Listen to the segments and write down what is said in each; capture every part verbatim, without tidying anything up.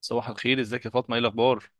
صباح الخير، ازيك يا فاطمه؟ ايه الاخبار؟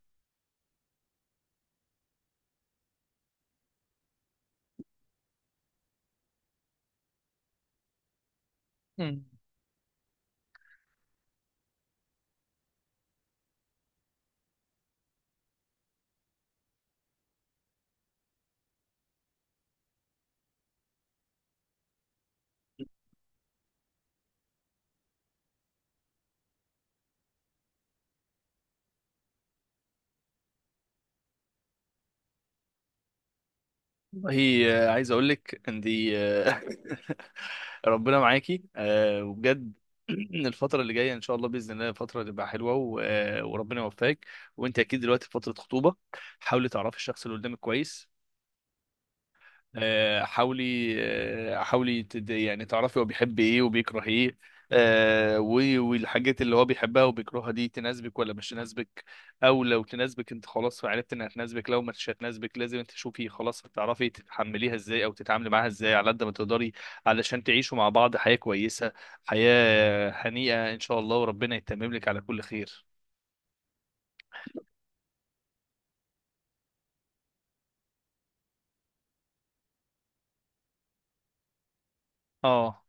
والله آه، عايز اقول لك عندي. آه، ربنا معاكي. آه، وبجد. الفتره اللي جايه ان شاء الله باذن الله فتره تبقى حلوه و- آه، وربنا يوفقك. وانت اكيد دلوقتي في فتره خطوبه، حاولي تعرفي الشخص اللي قدامك كويس. آه، حاولي. آه، حاولي تد- يعني تعرفي هو بيحب ايه وبيكره ايه. آه، و- والحاجات اللي هو بيحبها وبيكرهها دي تناسبك ولا مش تناسبك؟ او لو تناسبك انت خلاص، عرفت انها تناسبك. لو مش هتناسبك لازم انت تشوفي، خلاص هتعرفي تتحمليها ازاي او تتعاملي معاها ازاي على قد ما تقدري، علشان تعيشوا مع بعض حياة كويسة، حياة هنيئة ان شاء الله. وربنا يتمم لك على كل خير. اه،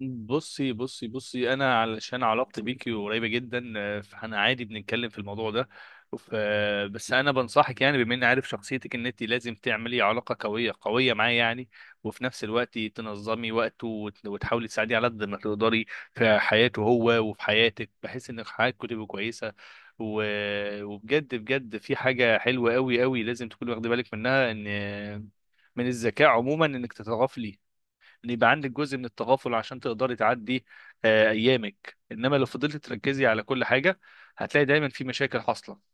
بصي بصي بصي، انا علشان علاقتي بيكي قريبه جدا آه، فاحنا عادي بنتكلم في الموضوع ده. ف- آه، بس انا بنصحك يعني، بما اني عارف شخصيتك، ان انت لازم تعملي علاقه قويه قويه معاه يعني. وفي نفس الوقت تنظمي وقته وت- وتحاولي تساعديه على قد ما تقدري في حياته هو وفي حياتك، بحيث ان حياتكم تبقى كويسه. و... وبجد بجد في حاجه حلوه قوي قوي لازم تكوني واخده بالك منها، ان من الذكاء عموما انك تتغافلي، ان يبقى عندك جزء من التغافل عشان تقدري تعدي آه، ايامك. انما لو فضلت تركزي على كل حاجه هتلاقي دايما في مشاكل حاصله.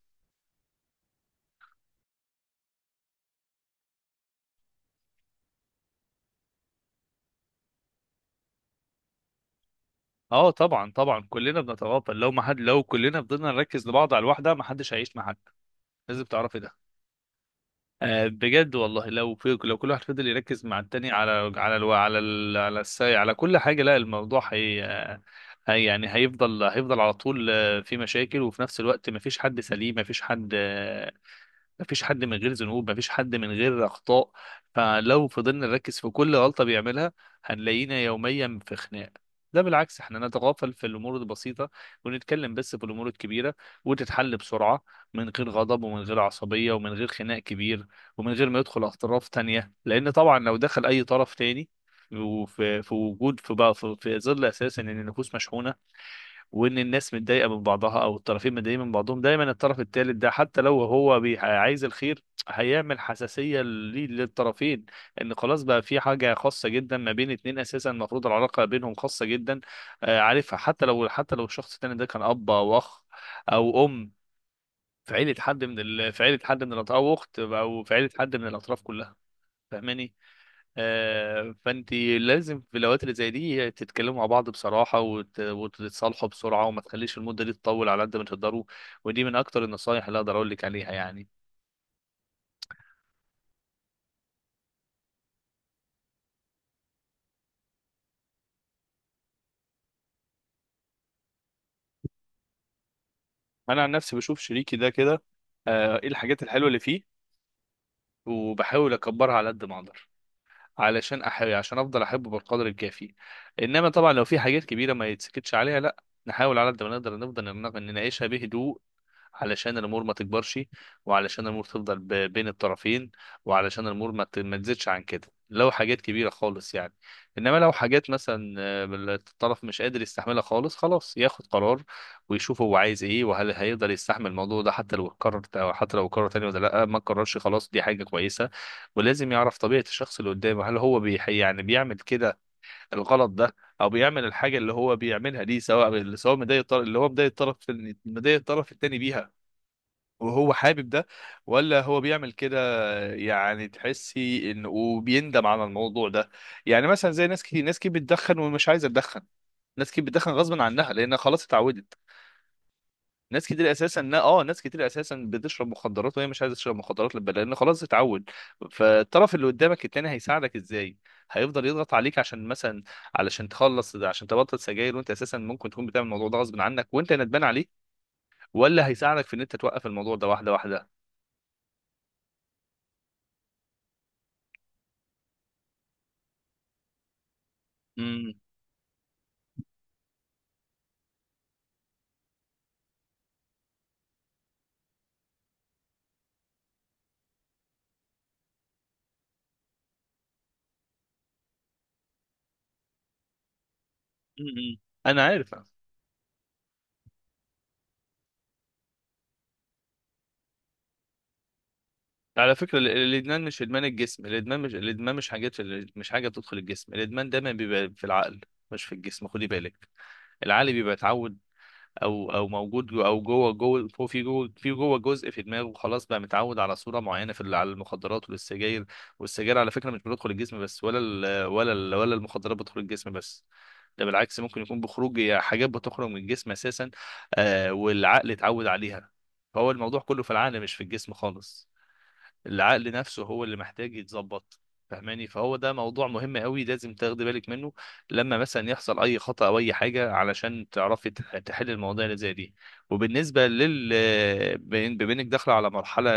اه، طبعا طبعا، كلنا بنتغافل. لو ما حد، لو كلنا فضلنا نركز لبعض على الواحده، ما حدش هيعيش مع حد. لازم تعرفي ده. آه، بجد والله، لو في لو كل واحد فضل يركز مع التاني على على الو... على ال... على الساي على كل حاجه، لا. الموضوع هي... آه، هي يعني هيفضل هيفضل على طول آه، في مشاكل. وفي نفس الوقت مفيش حد سليم، مفيش حد آه، مفيش حد من غير ذنوب، مفيش حد من غير أخطاء. فلو فضلنا نركز في كل غلطة بيعملها هنلاقينا يوميا في خناق. ده بالعكس، احنا نتغافل في الأمور البسيطة ونتكلم بس في الأمور الكبيرة وتتحل بسرعة من غير غضب ومن غير عصبية ومن غير خناق كبير ومن غير ما يدخل أطراف تانية. لأن طبعا لو دخل أي طرف تاني وفي في وجود في بقى في, في ظل أساسا إن النفوس مشحونة، وان الناس متضايقه من بعضها او الطرفين متضايقين من بعضهم، دايما الطرف الثالث ده حتى لو هو بي- عايز الخير هيعمل حساسيه ليه- للطرفين، ان خلاص بقى في حاجه خاصه جدا ما بين اتنين، اساسا المفروض العلاقه بينهم خاصه جدا. آه، عارفها؟ حتى لو حتى لو الشخص الثاني ده كان اب او اخ او ام، في عيله حد من ال... في عيله حد من الاطراف، او اخت، او في عيله حد من الاطراف كلها. فاهماني؟ آه، فانت لازم في الاوقات اللي زي دي تتكلموا مع بعض بصراحه وت- وتتصالحوا بسرعه، وما تخليش المده دي تطول على قد ما تقدروا. ودي من اكتر النصايح اللي اقدر اقول لك عليها يعني. انا عن نفسي بشوف شريكي ده كده، آه، ايه الحاجات الحلوه اللي فيه، وبحاول اكبرها على قد ما اقدر، علشان احب عشان افضل احبه بالقدر الكافي. انما طبعا لو في حاجات كبيره ما يتسكتش عليها، لا، نحاول على قد ما نقدر نفضل نناقشها بهدوء، علشان الامور ما تكبرش، وعلشان الامور تفضل ب- بين الطرفين، وعلشان الامور ما ت- ما تزيدش عن كده. لو حاجات كبيره خالص يعني، انما لو حاجات مثلا آه، الطرف مش قادر يستحملها خالص، خلاص ياخد قرار ويشوف هو عايز ايه، وهل هيقدر يستحمل الموضوع ده حتى لو اتكرر، أو حتى لو اتكرر تاني ولا لا ما اتكررش خلاص، دي حاجه كويسه. ولازم يعرف طبيعه الشخص اللي قدامه، هل هو بي يعني بيعمل كده، الغلط ده، او بيعمل الحاجه اللي هو بيعملها دي، سواء سواء مضايق الطرف- اللي هو مضايق الطرف، مضايق الطرف التاني بيها وهو حابب ده، ولا هو بيعمل كده يعني تحسي انه وبيندم على الموضوع ده. يعني مثلا زي ناس كتير، ناس كتير بتدخن ومش عايزه تدخن، ناس كتير بتدخن غصب عنها لان خلاص اتعودت. ناس كتير اساسا، نا- اه ناس كتير اساسا بتشرب مخدرات وهي مش عايزه تشرب مخدرات لب- لان خلاص اتعود. فالطرف اللي قدامك التاني هيساعدك ازاي؟ هيفضل يضغط عليك، عشان مثلا علشان تخلص، عشان تبطل سجاير، وانت اساسا ممكن تكون بتعمل الموضوع ده غصب عنك وانت ندمان عليه؟ ولا هيساعدك في ان انت توقف الموضوع ده؟ واحده واحده. م-م. انا عارف. على فكره ال- الادمان مش ادمان الجسم، الادمان مش الادمان مش حاجات، مش حاجه بتدخل الجسم. الادمان دايما بيبقى في العقل مش في الجسم، خدي بالك. العقل بيبقى اتعود، او او موجود جو- او جوه، جوه فوق في جوه في جوه جزء في دماغه، خلاص بقى متعود على صوره معينه في ال- على المخدرات والسجاير. والسجاير على فكره مش بتدخل الجسم بس، ولا ال ولا ال ولا المخدرات بتدخل الجسم بس. ده بالعكس ممكن يكون بخروج، يا حاجات بتخرج من الجسم اساسا آه والعقل اتعود عليها. فهو الموضوع كله في العقل مش في الجسم خالص، العقل نفسه هو اللي محتاج يتظبط. فاهماني؟ فهو ده موضوع مهم قوي لازم تاخدي بالك منه لما مثلا يحصل اي خطأ او اي حاجه، علشان تعرفي تح- تحل المواضيع اللي زي دي. وبالنسبه لل بين- بما انك داخله على مرحله،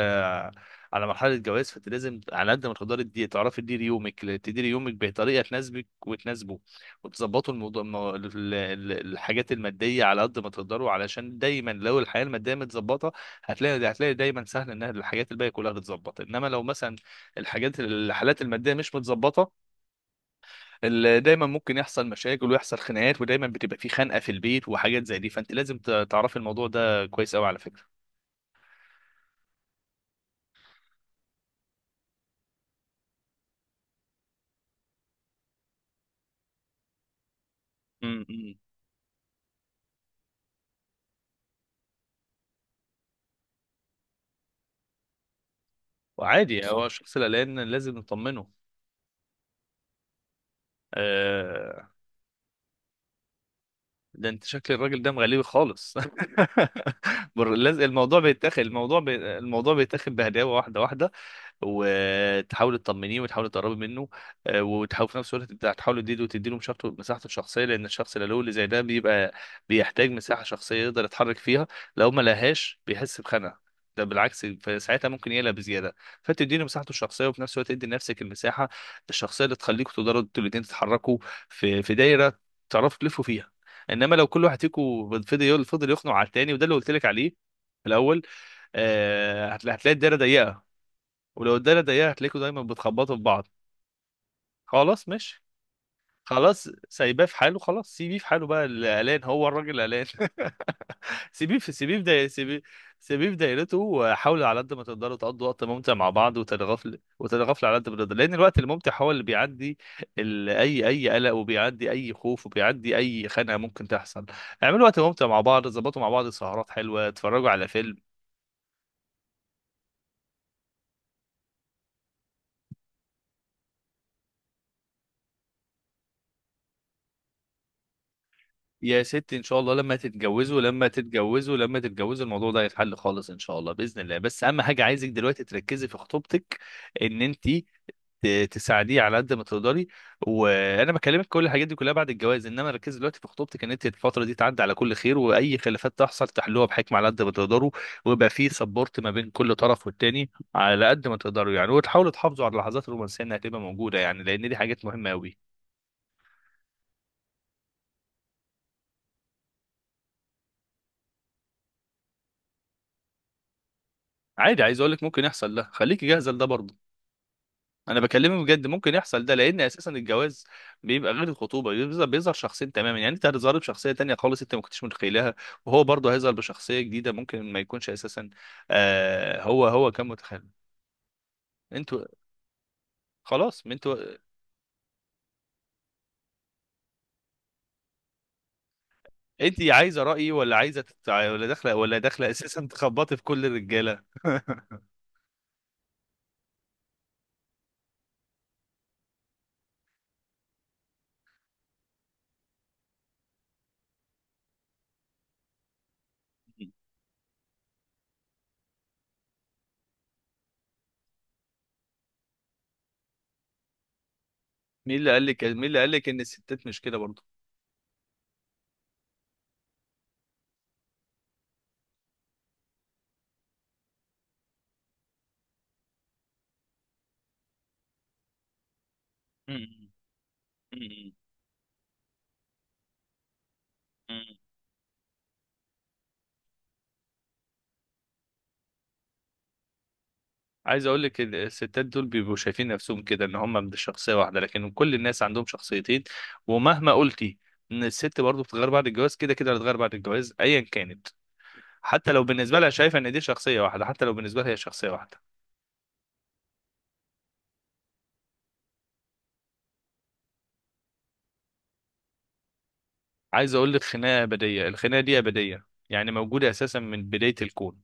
على مرحله جواز، فانت لازم على قد ما تقدري تدي تعرفي تديري يومك تديري يومك بطريقه تناسبك وتناسبه. وتظبطوا الموضوع، الم- ال- ال- الحاجات الماديه على قد ما تقدروا، علشان دايما لو الحياه الماديه متظبطه هتلاقي هتلاقي دايما سهل ان الحاجات الباقيه كلها تتظبط. انما لو مثلا الحاجات الحالات الماديه مش متظبطه، ال- دايما ممكن يحصل مشاكل ويحصل خناقات ودايما بتبقى في خنقه في البيت وحاجات زي دي. فانت لازم ت- تعرفي الموضوع ده كويس قوي على فكره. امم وعادي، هو الشخص القلقان لازم نطمنه. آه. ده انت شكل الراجل ده مغلي خالص. بر- لاز- الموضوع بيتاخد، الموضوع بي... الموضوع بيتاخد بهداوه، واحده واحده. وتحاولي تطمنيه وتحاولي تقربي منه، آه، وتحاولي في نفس الوقت تد- تحاولي تديله تديله مساحته مساحته الشخصيه، لان الشخص اللي له اللي زي ده بيبقى بيحتاج مساحه شخصيه يقدر يتحرك فيها. لو ما لهاش بيحس بخنقه، ده بالعكس، فساعتها ممكن يقلق بزياده. فتديله مساحته الشخصيه وفي نفس الوقت تدي لنفسك المساحه الشخصيه اللي تخليكوا تقدروا انتوا الاثنين تتحركوا في في دايره تعرفوا تلفوا فيها. انما لو كل واحد فيكم فضل فضل يخنق على التاني، وده اللي قلت لك عليه في الاول، آه، هتلا- هتلاقي الدايره ضيقه. ولو الدايره ضيقه هتلاقيكوا دايما بتخبطوا في بعض. خلاص ماشي. خلاص سايباه في حاله، خلاص سيبيه في حاله بقى، اللي قلقان هو الراجل قلقان. سيبيه في سيبيه في داي... سيبيه سيبيه في دايرته، وحاولوا على قد ما تقدروا تقضوا وقت ممتع مع بعض. وتتغافل وتتغافل على قد ما تقدر، لان الوقت الممتع هو اللي بيعدي ال... اي اي قلق، وبيعدي اي خوف، وبيعدي اي خناقه ممكن تحصل. اعملوا وقت ممتع مع بعض، ظبطوا مع بعض سهرات حلوه، اتفرجوا على فيلم. يا ست، ان شاء الله لما تتجوزوا، لما تتجوزوا لما تتجوزوا الموضوع ده هيتحل خالص ان شاء الله باذن الله. بس اهم حاجه، عايزك دلوقتي تركزي في خطوبتك، ان انت ت- تساعديه على قد ما تقدري. وانا بكلمك كل الحاجات دي كلها بعد الجواز، انما ركزي دلوقتي في خطوبتك، ان انت الفتره دي تعدي على كل خير، واي خلافات تحصل تحلوها بحكمه على قد ما تقدروا، ويبقى في سبورت ما بين كل طرف والتاني على قد ما تقدروا يعني، وتحاولوا تحافظوا على اللحظات الرومانسيه انها تبقى موجوده يعني، لان دي حاجات مهمه قوي. عادي، عايز اقول لك ممكن يحصل ده، خليكي جاهزه لده برضه. انا بكلمك بجد ممكن يحصل ده، لان اساسا الجواز بيبقى غير الخطوبه، بيظهر بيظهر شخصين تماما، يعني انت هتظهر بشخصيه تانية خالص انت ما كنتش متخيلها، وهو برضه هيظهر بشخصيه جديده ممكن ما يكونش اساسا آه هو هو كان متخيل. انتوا خلاص، ما انتوا. انت عايزه رايي ولا عايزه تت- ولا داخله ولا داخله اساسا تخبطي في كل الرجاله؟ مين اللي قال لك مين اللي قال لك ان الستات مش كده برضه؟ عايز اقول لك إن الستات دول بيبقوا شايفين نفسهم كده، ان هم من شخصيه واحده، لكن كل الناس عندهم شخصيتين. ومهما قلتي ان الست برضو بتتغير بعد الجواز، كده كده هتتغير بعد الجواز ايا كانت، حتى لو بالنسبه لها شايفه ان دي شخصيه واحده، حتى لو بالنسبه لها هي شخصيه واحده. عايز اقول لك خناقه ابديه، الخناقه دي ابديه يعني موجوده اساسا من بدايه الكون.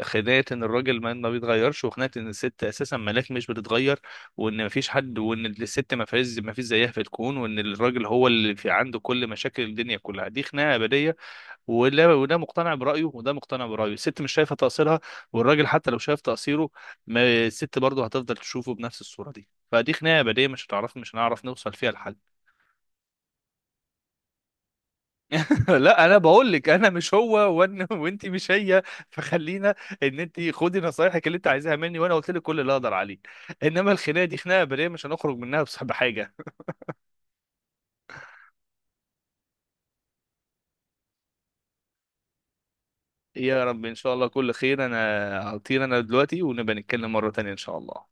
خناقه ان الراجل ما ما بيتغيرش، وخناقه ان الست اساسا ملاك مش بتتغير، وان ما فيش حد، وان الست ما فيش ما فيش زيها في الكون، وان الراجل هو اللي في عنده كل مشاكل الدنيا كلها، دي خناقه ابديه. ولا، وده مقتنع برايه وده مقتنع برايه، الست مش شايفه تقصيرها، والراجل حتى لو شايف تقصيره ما، الست برضه هتفضل تشوفه بنفس الصوره دي. فدي خناقه ابديه، مش هتعرف، مش هنعرف نوصل فيها لحل. لا انا بقول لك انا مش هو، وان وانت مش هي، فخلينا. ان انت خدي نصايحك اللي انت عايزاها مني، وانا قلت لك كل اللي اقدر عليه، انما الخناقه دي خناقه بريه مش هنخرج منها بس بحاجه. يا رب، ان شاء الله كل خير. انا هطير انا دلوقتي، ونبقى نتكلم مره تانية ان شاء الله.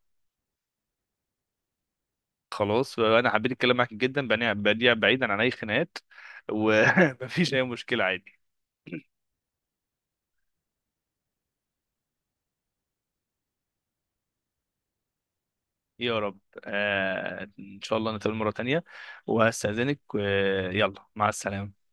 خلاص، انا حبيت الكلام معاك جدا، بني- بديع بعيدا عن اي خناقات، ومفيش اي مشكله، عادي. يا رب، آه، ان شاء الله نتقابل مره تانية. وهستاذنك، آه، يلا مع السلامه.